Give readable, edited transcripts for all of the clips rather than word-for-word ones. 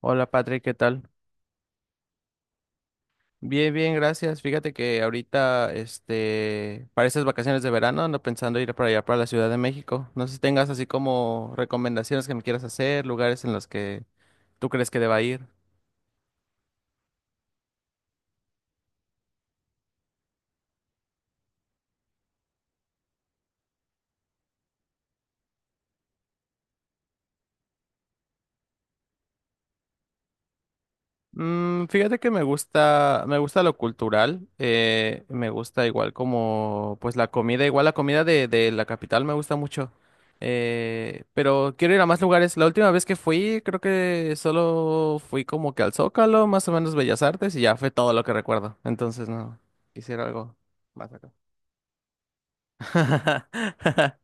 Hola Patrick, ¿qué tal? Bien, bien, gracias. Fíjate que ahorita, para estas vacaciones de verano ando pensando ir para allá, para la Ciudad de México. No sé si tengas así como recomendaciones que me quieras hacer, lugares en los que tú crees que deba ir. Fíjate que me gusta lo cultural, me gusta igual como, pues la comida, igual la comida de la capital me gusta mucho, pero quiero ir a más lugares. La última vez que fui, creo que solo fui como que al Zócalo, más o menos Bellas Artes, y ya fue todo lo que recuerdo. Entonces, no, quisiera algo más acá.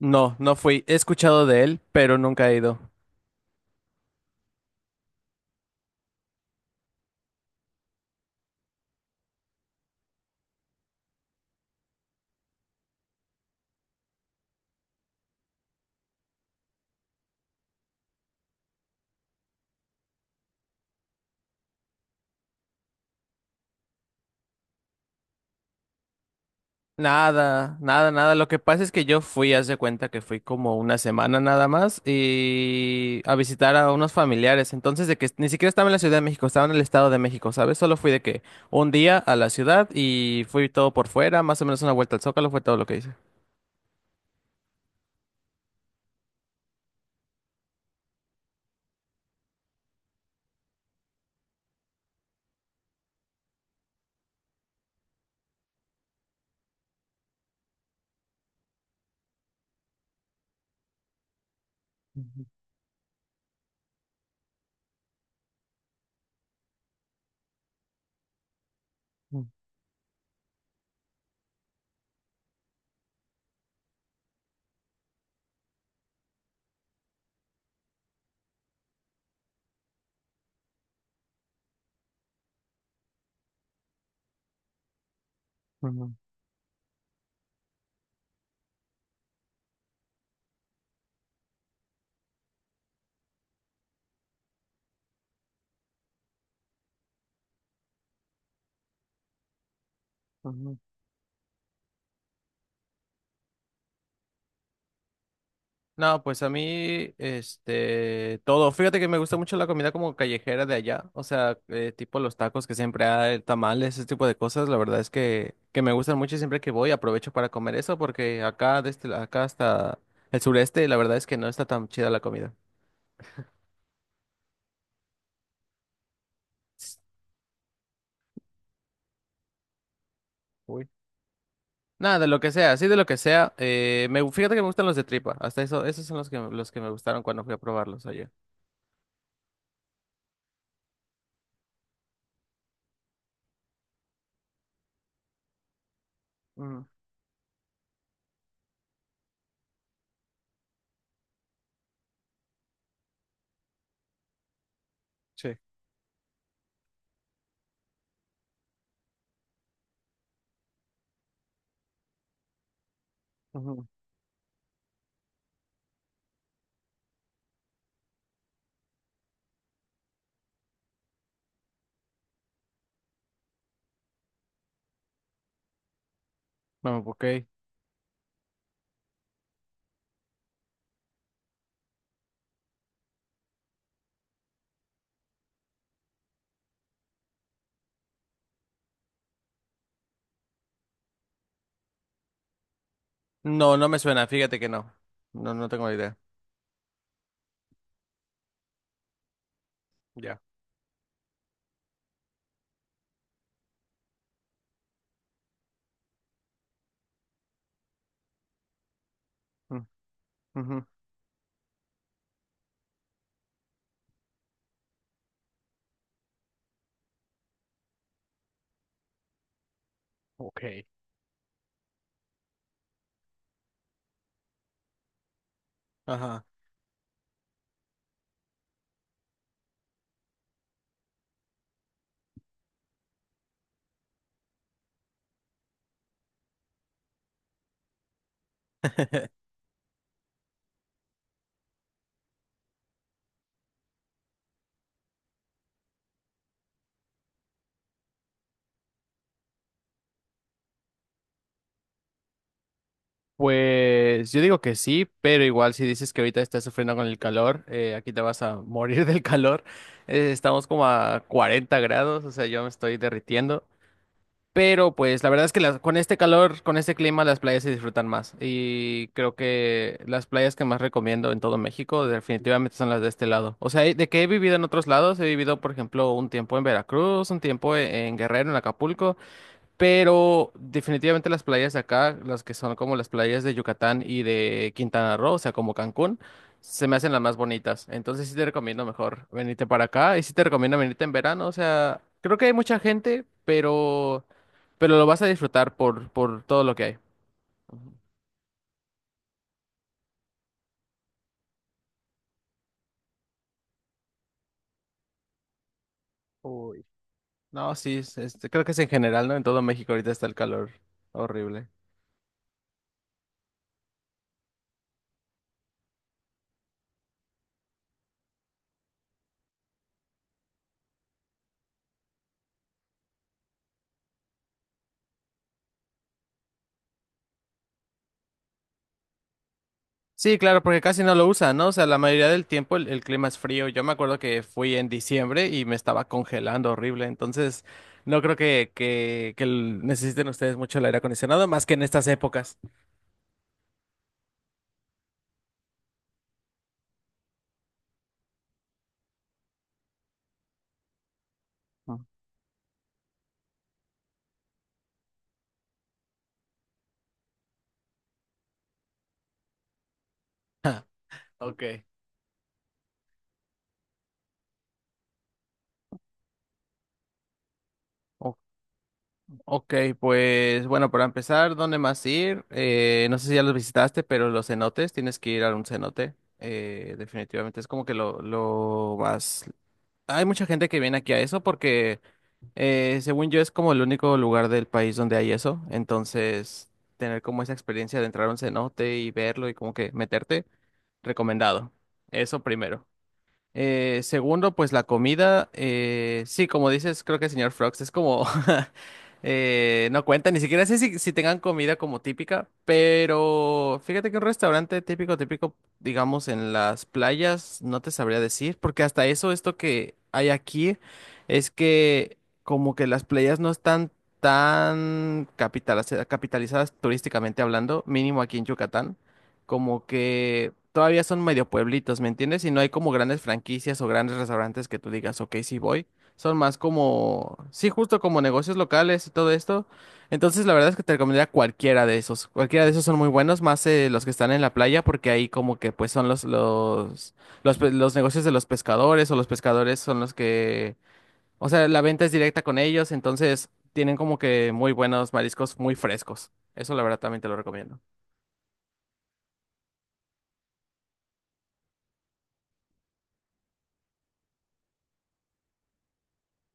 No, no fui. He escuchado de él, pero nunca he ido. Nada, nada, nada. Lo que pasa es que yo fui, haz de cuenta que fui como una semana nada más y a visitar a unos familiares. Entonces, de que ni siquiera estaba en la Ciudad de México, estaba en el Estado de México, ¿sabes? Solo fui de que un día a la ciudad y fui todo por fuera, más o menos una vuelta al Zócalo, fue todo lo que hice. Ujú, ujú, ujú. No, pues a mí, todo. Fíjate que me gusta mucho la comida como callejera de allá, o sea, tipo los tacos que siempre hay, tamales, ese tipo de cosas. La verdad es que me gustan mucho y siempre que voy aprovecho para comer eso porque acá, desde acá hasta el sureste, la verdad es que no está tan chida la comida. Uy. Nada, de lo que sea, sí, de lo que sea. Fíjate que me gustan los de tripa, hasta eso, esos son los que me gustaron cuando fui a probarlos allá. Mm, sí. Ujú. No, ok. No, no me suena, fíjate que no. No, no tengo idea. Ya. Mm, ujú. Ok. Ajá. Pues yo digo que sí, pero igual si dices que ahorita estás sufriendo con el calor, aquí te vas a morir del calor. Estamos como a 40 grados, o sea, yo me estoy derritiendo. Pero pues la verdad es que con este calor, con este clima, las playas se disfrutan más. Y creo que las playas que más recomiendo en todo México definitivamente son las de este lado. O sea, de que he vivido en otros lados, he vivido, por ejemplo, un tiempo en Veracruz, un tiempo en Guerrero, en Acapulco. Pero definitivamente las playas de acá, las que son como las playas de Yucatán y de Quintana Roo, o sea, como Cancún, se me hacen las más bonitas. Entonces sí te recomiendo mejor venirte para acá y sí te recomiendo venirte en verano. O sea, creo que hay mucha gente, pero lo vas a disfrutar por todo lo que hay. Uy. No, sí, este, creo que es en general, ¿no? En todo México ahorita está el calor horrible. Sí, claro, porque casi no lo usan, ¿no? O sea, la mayoría del tiempo el clima es frío. Yo me acuerdo que fui en diciembre y me estaba congelando horrible. Entonces, no creo que necesiten ustedes mucho el aire acondicionado, más que en estas épocas. Ah, ok. O- ok, pues bueno, para empezar, ¿dónde más ir? No sé si ya los visitaste, pero los cenotes, tienes que ir a un cenote. Definitivamente es como que lo más... Hay mucha gente que viene aquí a eso porque según yo es como el único lugar del país donde hay eso, entonces tener como esa experiencia de entrar a un cenote y verlo y como que meterte, recomendado. Eso primero. Segundo, pues la comida, sí, como dices, creo que el señor Frogs es como, no cuenta, ni siquiera sé si tengan comida como típica, pero fíjate que un restaurante típico, típico, digamos, en las playas, no te sabría decir, porque hasta eso, esto que hay aquí, es que como que las playas no están tan capitalizadas turísticamente hablando, mínimo aquí en Yucatán como que todavía son medio pueblitos, ¿me entiendes? Y no hay como grandes franquicias o grandes restaurantes que tú digas, ok, sí voy. Son más como, sí, justo como negocios locales y todo esto. Entonces, la verdad es que te recomendaría cualquiera de esos. Cualquiera de esos son muy buenos, más los que están en la playa, porque ahí como que pues son los negocios de los pescadores o los pescadores son los o sea, la venta es directa con ellos, entonces tienen como que muy buenos mariscos muy frescos. Eso la verdad también te lo recomiendo.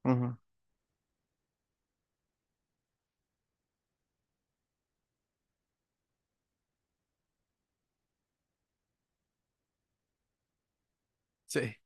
Ujú. Sí.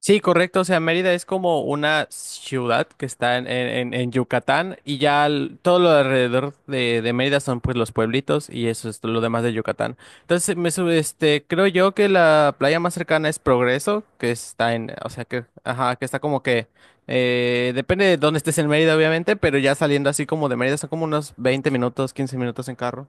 Sí, correcto. O sea, Mérida es como una ciudad que está en Yucatán y ya todo lo alrededor de Mérida son pues los pueblitos y eso es lo demás de Yucatán. Entonces, este, creo yo que la playa más cercana es Progreso, que está en, o sea, que, ajá, que está como que, depende de dónde estés en Mérida, obviamente, pero ya saliendo así como de Mérida son como unos 20 minutos, 15 minutos en carro.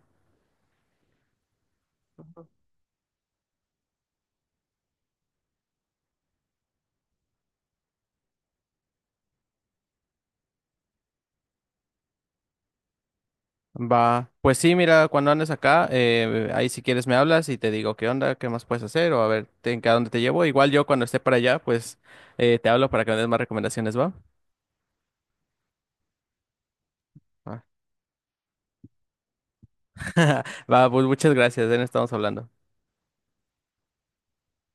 Va, pues sí, mira, cuando andes acá, ahí si quieres me hablas y te digo qué onda, qué más puedes hacer o a ver a dónde te llevo. Igual yo cuando esté para allá, pues te hablo para que me des más recomendaciones, ¿va? Va, va, pues muchas gracias, de estamos hablando.